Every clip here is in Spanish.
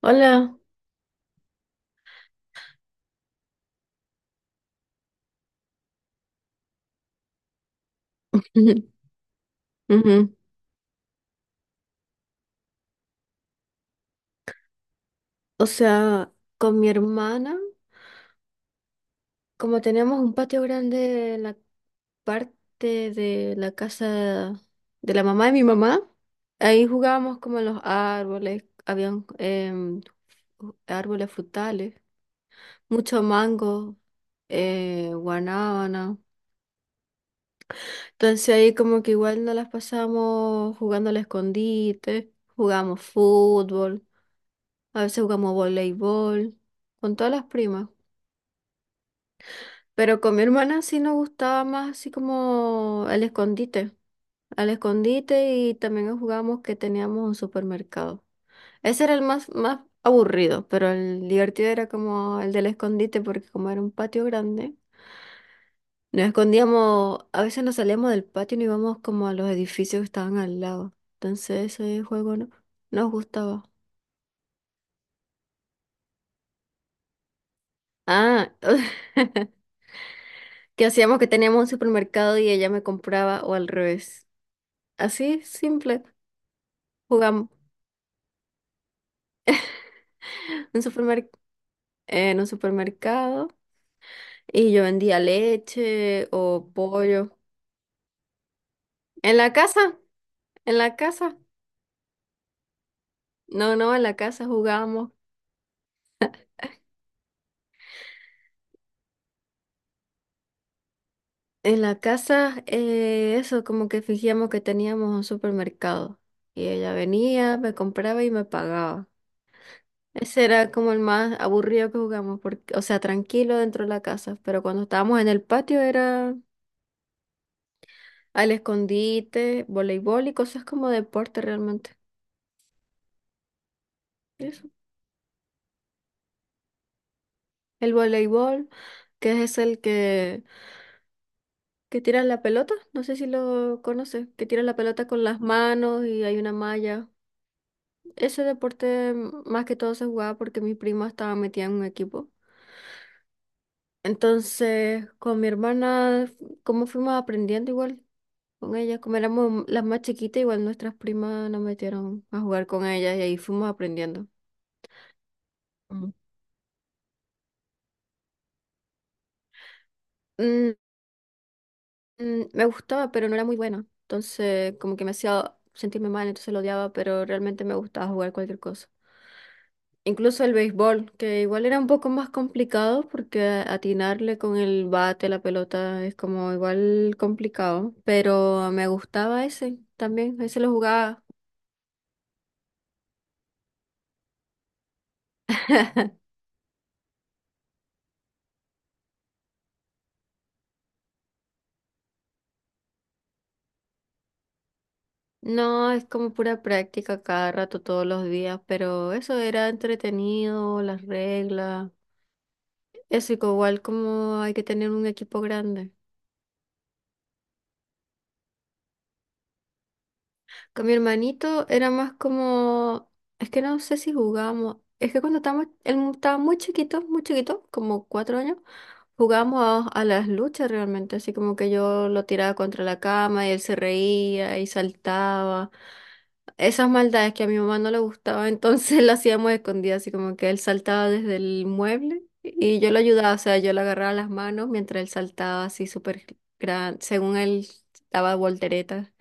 Hola. Ujú. O sea, con mi hermana, como teníamos un patio grande en la parte de la casa de la mamá de mi mamá, ahí jugábamos como en los árboles, habían árboles frutales, mucho mango, guanábana. Entonces ahí como que igual nos las pasamos jugando al escondite, jugamos fútbol, a veces jugamos voleibol, con todas las primas. Pero con mi hermana sí nos gustaba más así como el escondite. Al escondite y también jugábamos que teníamos un supermercado. Ese era el más aburrido, pero el divertido era como el del escondite porque como era un patio grande, nos escondíamos, a veces nos salíamos del patio y nos íbamos como a los edificios que estaban al lado. Entonces ese juego no, nos gustaba. Ah, que hacíamos que teníamos un supermercado y ella me compraba o al revés. Así simple. jugamos un supermer- en un supermercado y yo vendía leche o pollo. En la casa, en la casa. No, no, en la casa jugábamos. En la casa, eso, como que fingíamos que teníamos un supermercado. Y ella venía, me compraba y me pagaba. Ese era como el más aburrido que jugamos, porque, o sea, tranquilo dentro de la casa, pero cuando estábamos en el patio era al escondite, voleibol y cosas como deporte realmente. Eso. El voleibol. Que es el Que tira la pelota, no sé si lo conoces, que tira la pelota con las manos y hay una malla. Ese deporte más que todo se jugaba porque mi prima estaba metida en un equipo. Entonces, con mi hermana, como fuimos aprendiendo igual con ella, como éramos las más chiquitas, igual nuestras primas nos metieron a jugar con ellas y ahí fuimos aprendiendo. Mm. Mm, Me gustaba, pero no era muy buena. Entonces, como que me hacía sentirme mal, entonces lo odiaba, pero realmente me gustaba jugar cualquier cosa. Incluso el béisbol, que igual era un poco más complicado porque atinarle con el bate, la pelota, es como igual complicado, pero me gustaba ese también, ese lo jugaba. No, es como pura práctica cada rato, todos los días, pero eso era entretenido, las reglas. Eso y que igual como hay que tener un equipo grande. Con mi hermanito era más como, es que no sé si jugábamos, es que cuando estábamos, estaba muy chiquito, como 4 años, jugábamos a las luchas realmente, así como que yo lo tiraba contra la cama y él se reía y saltaba. Esas maldades que a mi mamá no le gustaba, entonces las hacíamos escondidas, así como que él saltaba desde el mueble y yo lo ayudaba, o sea, yo le agarraba las manos mientras él saltaba así súper gran, según él daba volteretas.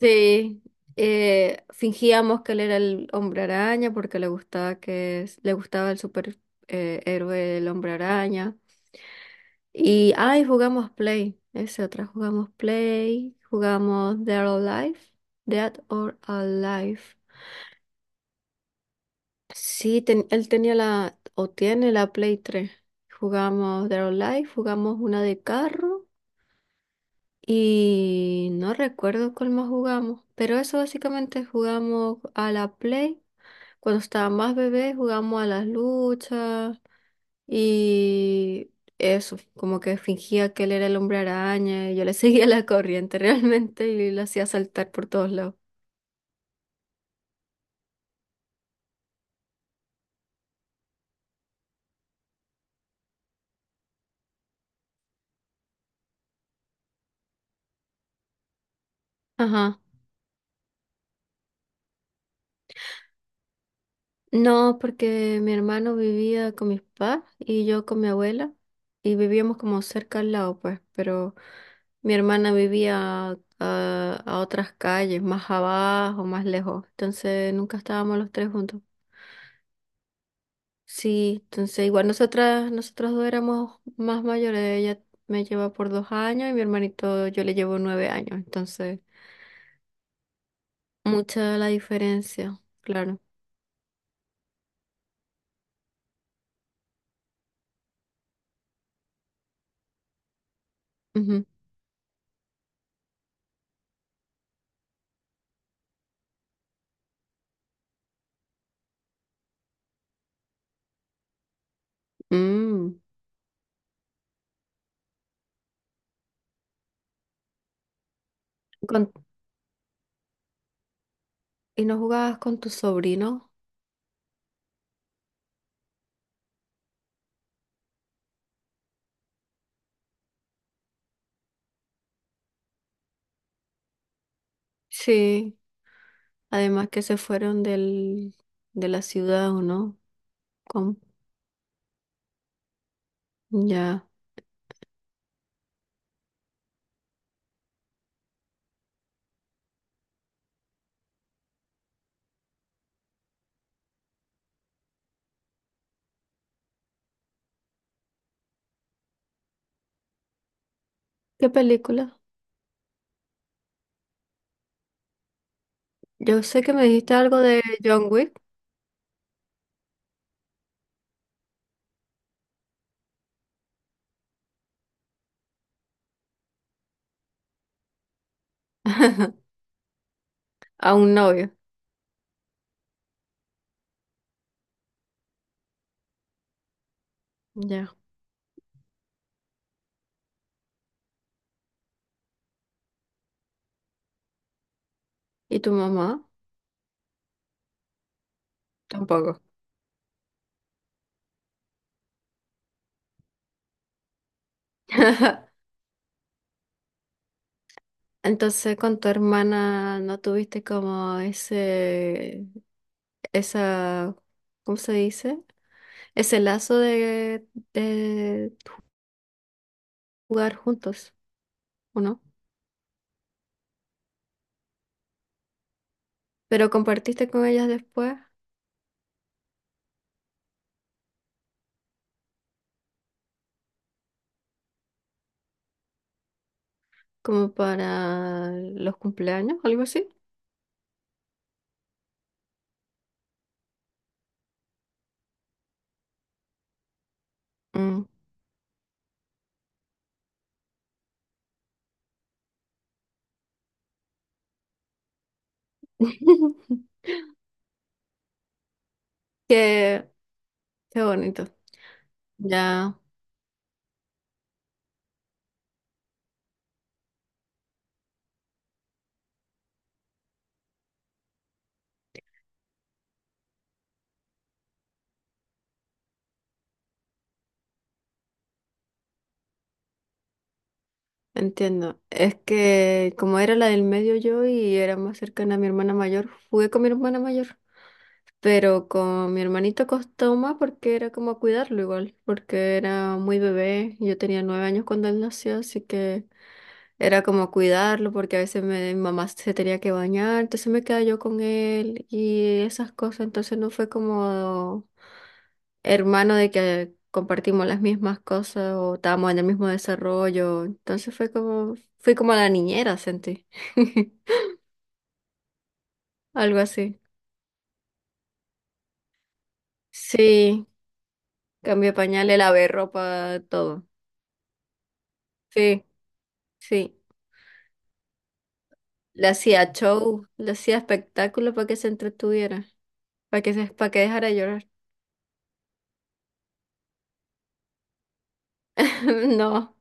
Sí, fingíamos que él era el hombre araña porque le gustaba el super héroe el hombre araña. Y ay, jugamos Play, jugamos Dead or Alive, Dead or Alive. Sí, él tenía la, o tiene la Play tres. Jugamos Dead or Alive, jugamos una de carro y no recuerdo cuál más jugamos, pero eso básicamente jugamos a la Play. Cuando estaba más bebé jugamos a las luchas y eso, como que fingía que él era el hombre araña y yo le seguía la corriente realmente y lo hacía saltar por todos lados. Ajá. No, porque mi hermano vivía con mis papás y yo con mi abuela y vivíamos como cerca al lado, pues, pero mi hermana vivía ah, a otras calles, más abajo, más lejos, entonces nunca estábamos los tres juntos. Sí, entonces nosotros dos éramos más mayores. Ella me lleva por 2 años y mi hermanito yo le llevo 9 años. Entonces, mucha la diferencia, claro. Ujú. Mm. Con- ¿Y no jugabas con tu sobrino? Sí, además que se fueron del, de la ciudad, ¿o no? Con, ya. ¿Qué película? Yo sé que me dijiste algo de John Wick. A un novio. Ya. ¿Y tu mamá? Tampoco. Entonces con tu hermana no tuviste como ese, esa, ¿cómo se dice? Ese lazo de jugar juntos, ¿o no? Pero compartiste con ellas después, como para los cumpleaños, algo así. Mm. Qué, qué bonito. Ya. Entiendo. Es que como era la del medio yo y era más cercana a mi hermana mayor, jugué con mi hermana mayor. Pero con mi hermanito costó más porque era como cuidarlo igual, porque era muy bebé. Yo tenía 9 años cuando él nació, así que era como cuidarlo porque a veces mi mamá se tenía que bañar, entonces me quedaba yo con él y esas cosas. Entonces no fue como hermano de que compartimos las mismas cosas o estábamos en el mismo desarrollo. Entonces fue como, fui como la niñera, sentí. Algo así. Sí, cambié pañales, lavé ropa, todo. Sí, sí. Le hacía show, le hacía espectáculo para que se entretuviera, para que dejara de llorar. No,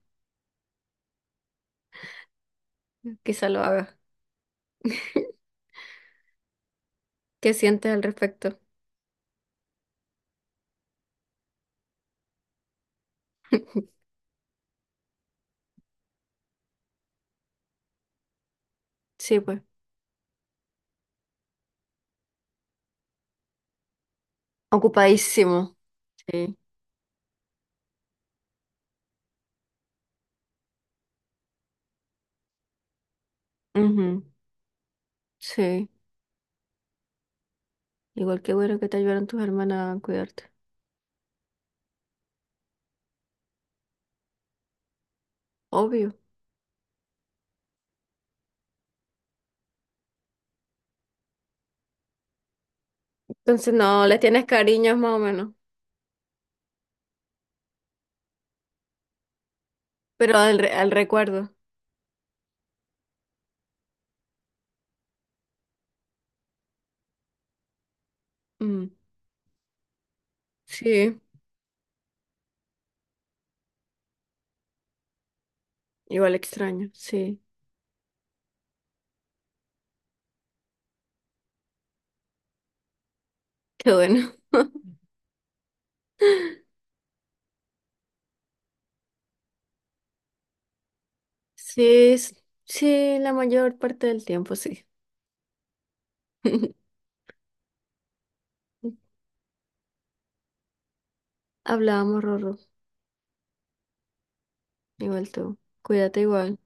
quizá lo haga. ¿Qué sientes al respecto? Sí, pues. Ocupadísimo. Sí. Ujú. Sí. Igual que bueno que te ayudaron tus hermanas a cuidarte. Obvio. Entonces no, le tienes cariño más o menos, pero al recuerdo. Mm, sí, igual extraño, sí. Qué bueno. Sí, s- sí, la mayor parte del tiempo sí. Hablábamos, Rorro, igual tú. Cuídate igual.